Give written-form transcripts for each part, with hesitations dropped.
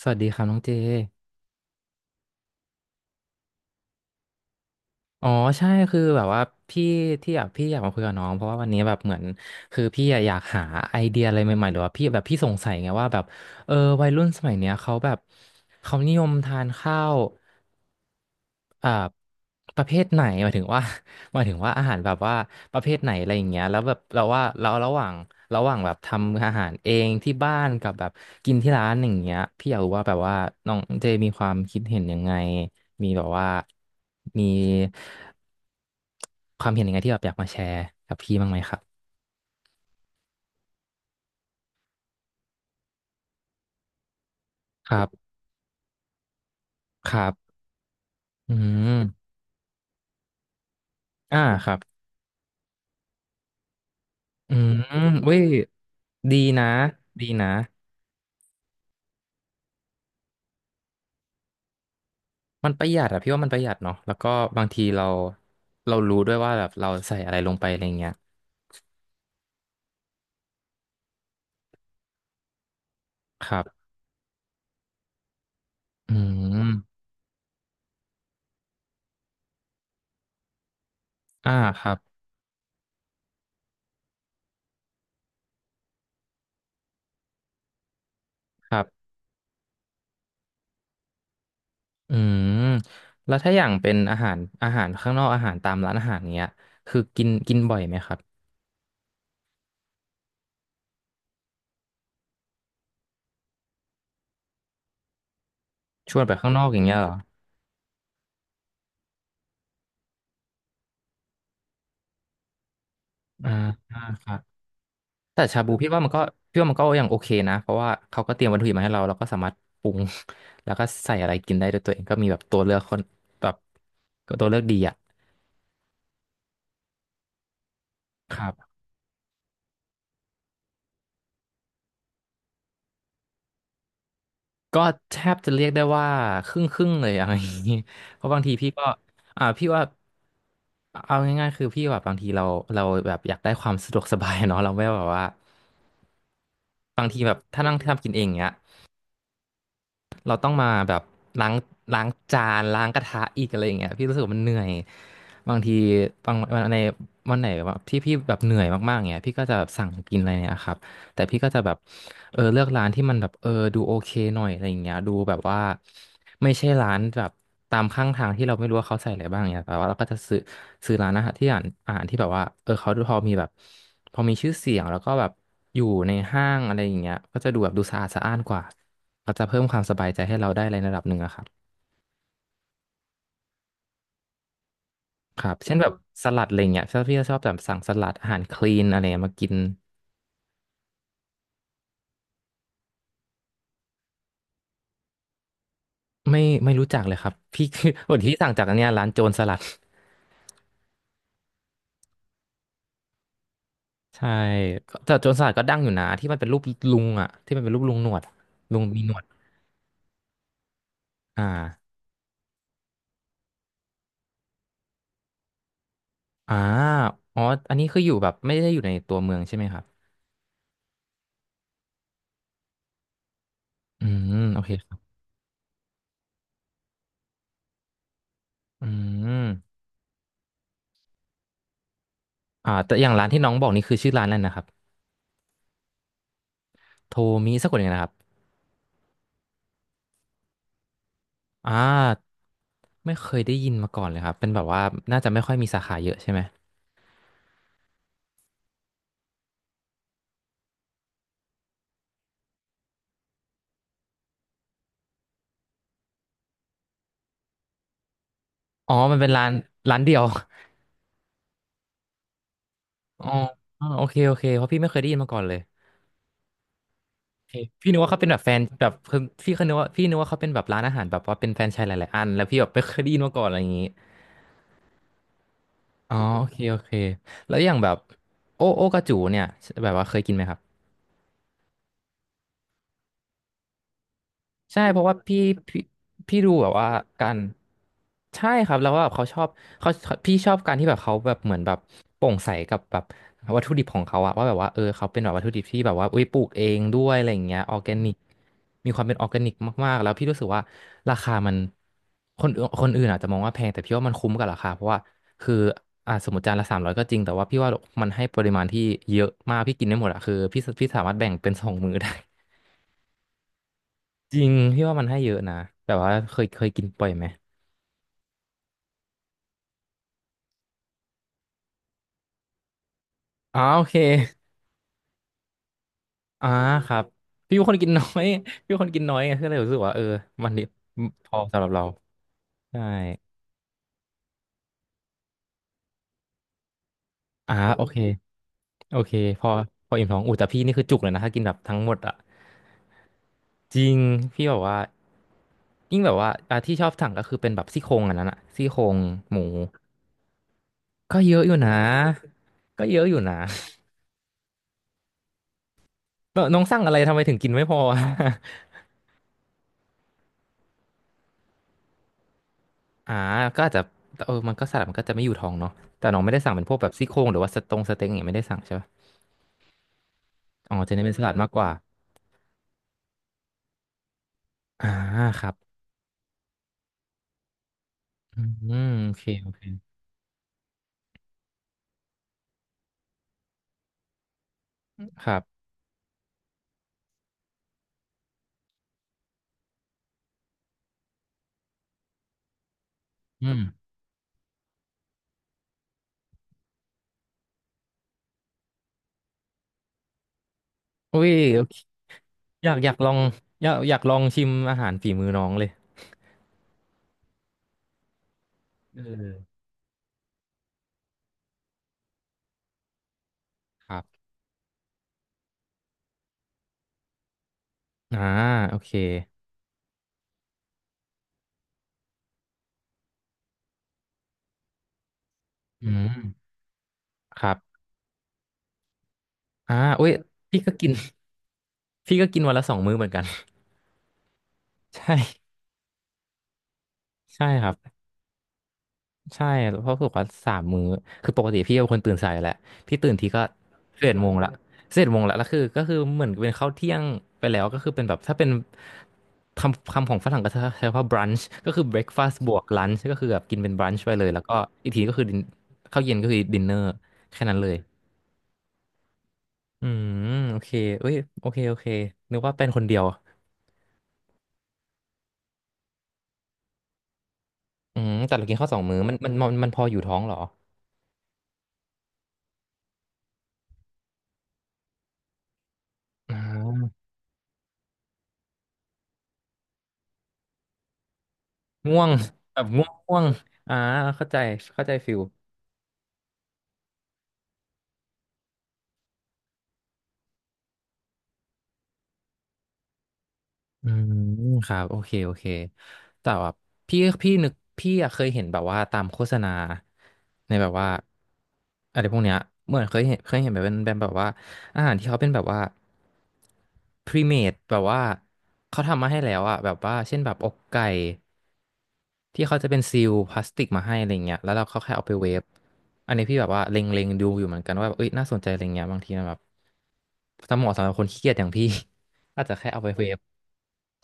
สวัสดีครับน้องเจ อ๋อใช่คือแบบว่าพี่ที่อยากพี่อยากมาคุยกับน้องเพราะว่าวันนี้แบบเหมือนคือพี่อะอยากหาไอเดียอะไรใหม่ๆหรือว่าพี่แบบพี่สงสัยไงว่าแบบเออวัยรุ่นสมัยเนี้ยเขาแบบเขานิยมทานข้าว อ่าประเภทไหนหมายถึงว่า หมายถึงว่าอาหารแบบว่าประเภทไหนอะไรอย่างเงี้ยแล้วแบบเราว่าเราระหว่างแบบทำอาหารเองที่บ้านกับแบบกินที่ร้านอย่างเงี้ยพี่อยากรู้ว่าแบบว่าน้องเจมีความคิดเห็นยังไงมีแบบว่ามีความเห็นยังไงที่แบบอยากมาแชร์กับพี่บ้างไหมครับครับครับอืมอ่าครับอืมเว้ยดีนะดีนะ มันประหยัดอะพี่ว่ามันประหยัดเนาะแล้วก็บางทีเรารู้ด้วยว่าแบบเราใส่อะไรลงไปอะไรเงี้ยครับอืมอ่าครับครับอืมแล้วถ้าอย่างเป็นอาหารข้างนอกอาหารตามร้านอาหารเงี้ยคือกินกินบ่อยไหมครับชวนไปข้างนอกอย่างเงี้ยเหรออ่าอ่าครับแต่ชาบูพี่ว่ามันก็ยังโอเคนะเพราะว่าเขาก็เตรียมวัตถุดิบมาให้เราเราก็สามารถปรุง แล้วก็ใส่อะไรกินได้ด้วยตัวเองก็มีแบบตัวเลือกคนแบบตัวเลือกดีอะครับ ก็แทบจะเรียกได้ว่าครึ่งครึ่งเลยอะ ไรอย่างนี้ เพราะบางทีพี่ก็อ่าพี่ว่าเอาง่ายๆคือพี่แบบบางทีเราแบบอยากได้ความสะดวกสบายเนาะเราไม่แบบว่าบางทีแบบถ้านั่งทำกินเองเงี้ยเราต้องมาแบบล้างล้างจานล้างกระทะอีกอะไรอย่างเงี้ยพี่รู้สึกว่ามันเหนื่อย บางทีบางวันในวันไหนแบบที่พี่แบบเหนื่อยมากๆเงี้ยพี่ก็จะแบบสั่งกินอะไรเนี่ยครับ แต่พี่ก็จะแบบเลือกร้านที่มันแบบดูโอเคหน่อยอะไรอย่างเงี้ยดูแบบว่าไม่ใช่ร้านแบบตามข้างทางที่เราไม่รู้ว่าเขาใส่อะไรบ้างเนี่ยแต่ว่าเราก็จะซื้อร้านอาหารที่อ่านอาหารที่แบบว่าเขาพอมีชื่อเสียงแล้วก็แบบอยู่ในห้างอะไรอย่างเงี้ยก็จะดูแบบดูสะอาดสะอ้านกว่าก็จะเพิ่มความสบายใจให้เราได้ในระดับหนึ่งอะครับครับเช่นแบบสลัดอะไรเงี้ยถ้าพี่ก็ชอบแบบสั่งสลัดอาหารคลีนอะไรเงี้ยมากินไม่รู้จักเลยครับพี่ วัน ที่สั่งจากอันเนี้ยร้านโจรสลัด ใช่ก็แต่โจรสลัดก็ดังอยู่นะที่มันเป็นรูปลุงอ่ะที่มันเป็นรูปลุงหนวดลุงมีหนวดอ่าอ่าอ๋ออันนี้คืออยู่แบบไม่ได้อยู่ในตัวเมืองใช่ไหมครับอืมโอเคครับอืมอ่าแต่อย่างร้านที่น้องบอกนี่คือชื่อร้านอะไรนะครับโทมิสักคนหนึ่งนะครับอ่าไม่เคยได้ยินมาก่อนเลยครับ เป็นแบบว่าน่าจะไม่ค่อยมีสาขาเยอะใช่ไหมอ๋อมันเป็นร้านเดียวอ๋ออ๋อโอเคโอเคเพราะพี่ไม่เคยได้ยินมาก่อนเลย เอ้ยพี่นึกว่าเขาเป็นแบบแฟนแบบคือพี่เคยนึกว่าพี่นึกว่าเขาเป็นแบบร้านอาหารแบบว่าเป็นแฟรนไชส์หลายๆอันแล้วพี่แบบไม่เคยได้ยินมาก่อนอะไรอย่างนี้อ๋อโอเคโอเคแล้วอย่างแบบโอโอกาจูเนี่ยแบบว่าเคยกินไหมครับ ใช่เพราะว่าพี่พี่ดูแบบว่าการใช่ครับแล้วว่าแบบเขาชอบเขาพี่ชอบการที่แบบเขาแบบเหมือนแบบโปร่งใสกับแบบวัตถุดิบของเขาอะว่าแบบว่าเขาเป็นแบบวัตถุดิบที่แบบว่าอุ้ยปลูกเองด้วยอะไรอย่างเงี้ยออร์แกนิกมีความเป็นออร์แกนิกมากๆแล้วพี่รู้สึกว่าราคามันคนอื่นอาจจะมองว่าแพงแต่พี่ว่ามันคุ้มกับราคาเพราะว่าคืออ่าสมมติจานละ300ก็จริงแต่ว่าพี่ว่ามันให้ปริมาณที่เยอะมากพี่กินได้หมดอะคือพี่สามารถแบ่งเป็น2 มื้อได้ จริงพี่ว่ามันให้เยอะนะแบบว่าเคยกินปล่อยไหมอ๋อโอเคอ่าอครับพี่เป็นคนกินน้อย พี่เป็นคนกินน้อยไงก็เลยรู้สึกว่าเออมันนี่พอสำหรับเราใช่อ่าอโอเคโอเคพอพออิ่มท้องอูแต่พี่นี่คือจุกเลยนะถ้ากินแบบทั้งหมดอ่ะจริงพี่แบบว่ายิ่งแบบว่าที่ชอบสั่งก็คือเป็นแบบซี่โครงอันนั้นอะซี่โครงหมูก็เยอะอยู่นะก็เยอะอยู่นะน้องน้องสั่งอะไรทำไมถึงกินไม่พออะ อ่าก็อาจจะเออมันก็สลัดมันก็จะไม่อยู่ท้องเนาะแต่น้องไม่ได้สั่งเป็นพวกแบบซี่โครงหรือว่าสตงสเต็งอย่างเงี้ยไม่ได้สั่งใช่ปะอ๋อจะเน้นเป็นสลัดมากกว่าอ่าครับอืมโอเคโอเคครับอืมอุ้ยโอเคอยากลองอยากลองชิมอาหารฝีมือน้องเลยเออครับอ่าโอเคอืมครับอ่าอุ้ยพี่ก็กิน พี่ก็กินวันละ2 มื้อเหมือนกัน ใช่ใช่ครับ ใช่เพราะฝึกว่า3 มื้อคือปกติพี่เป็นคนตื่นสายอยู่แหละพี่ตื่นทีก็สิบเอ็ดโมงละสิบเอ็ดโมงละแล้วคือก็คือเหมือนเป็นข้าวเที่ยงไปแล้วก็คือเป็นแบบถ้าเป็นคำคำของฝรั่งก็จะใช้ว่า brunch ก็คือ breakfast บวก lunch ก็คือแบบกินเป็น brunch ไปเลยแล้วก็อีกทีก็คือ ข้าวเย็นก็คือ dinner แค่นั้นเลยอืมโอเคเอ้ยโอเคโอเคนึกว่าเป็นคนเดียวอืมแต่เรากินข้าวสองมื้อมันพออยู่ท้องเหรออ่าง่วงแบบง่วงง่วงอ่าเข้าใจเข้าใจฟิล อืมครับโอเคโอเคแต่แบบพี่นึกพี่อะเคยเห็นแบบว่าตามโฆษณาในแบบว่าอะไรพวกเนี้ยเหมือนเคยเห็นแบบเป็นแบบว่าอาหารที่เขาเป็นแบบว่าพรีเมดแบบว่าเขาทำมาให้แล้วอะแบบว่าเช่นแบบอกไก่ที่เขาจะเป็นซีลพลาสติกมาให้อะไรเงี้ยแล้วเราเขาแค่เอาไปเวฟอันนี้พี่แบบว่าเล็งๆดูอยู่เหมือนกันว่าแบบเอ้ยน่าสนใจอะไรเงี้ยบางทีมันแบบสำหรับเหมาะสำหรับคนขี้เกียจอย่างพี่ อาจจะแค่เอาไปเวฟ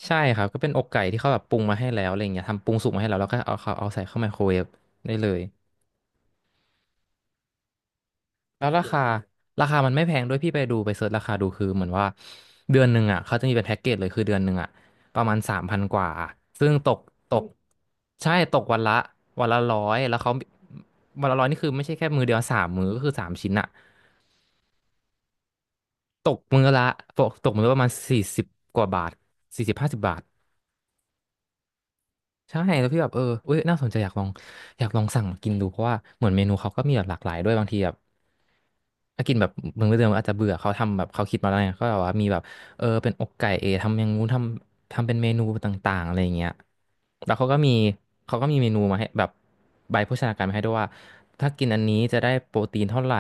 ใช่ครับก็เป็นอกไก่ที่เขาแบบปรุงมาให้แล้วอะไรเงี้ยทำปรุงสุกมาให้แล้วแล้วก็เอาเขาเอาใส่เข้าไมโครเวฟได้เลยแล้วราคาราคามันไม่แพงด้วยพี่ไปดูไปเสิร์ชราคาดูคือเหมือนว่าเดือนหนึ่งอ่ะเขาจะมีเป็นแพ็กเกจเลยคือเดือนหนึ่งอ่ะประมาณ3,000กว่าซึ่งตกใช่ตกวันละร้อยแล้วเขาวันละร้อยนี่คือไม่ใช่แค่มือเดียว3 มือก็คือ3 ชิ้นอ่ะตกมือละตกมือละประมาณสี่สิบกว่าบาท40-50 บาท ใช่แล้วพี่แบบเออเอ้ยน่าสนใจอยากลองอยากลองสั่งมากินดูเพราะว่าเหมือนเมนูเขาก็มีแบบหลากหลายด้วยบางทีแบบถ้ากินแบบเมื้อเดิมๆอาจจะเบื่อเขาทำแบบเขาคิดมาแล้วไงก็แบบว่ามีแบบเออเป็นอกไก่เอทำอย่างงู้นทำเป็นเมนูต่างๆอะไรอย่างเงี้ยแล้วเขาก็มีเมนูมาให้แบบใบโภชนาการมาให้ด้วยว่าถ้ากินอันนี้จะได้โปรตีนเท่าไหร่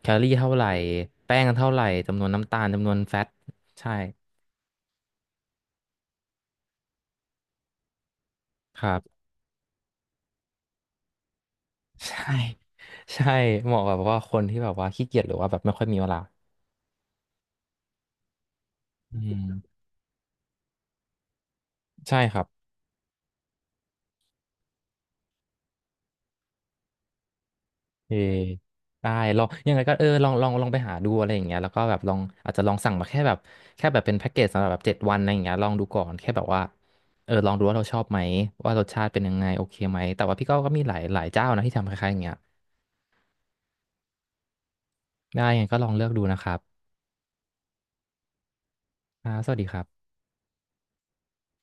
แคลอรี่เท่าไหร่แป้งเท่าไหร่จำนวนน้ำตาลจำนวนแฟตใช่ครับ ใช่ใช่เหมาะกับว่าคนที่แบบว่าขี้เกียจหรือว่าแบบไม่ค่อยมีเวลาอืมใช่ครับเออได้ลองยังไงก็เออลองไปหาดูอะไรอย่างเงี้ยแล้วก็แบบลองอาจจะลองสั่งมาแค่แบบแค่แบบเป็นแพ็กเกจสำหรับแบบ7 วันอะไรอย่างเงี้ยลองดูก่อนแค่แบบว่าเออลองดูว่าเราชอบไหมว่ารสชาติเป็นยังไงโอเคไหมแต่ว่าพี่ก็ก็มีหลายหลายเจ้านะที่ทำคล้ายๆอย่างเงี้ยได้ยังไงก็ลองเลือกดูนะครับอ่าสวัสดีครับ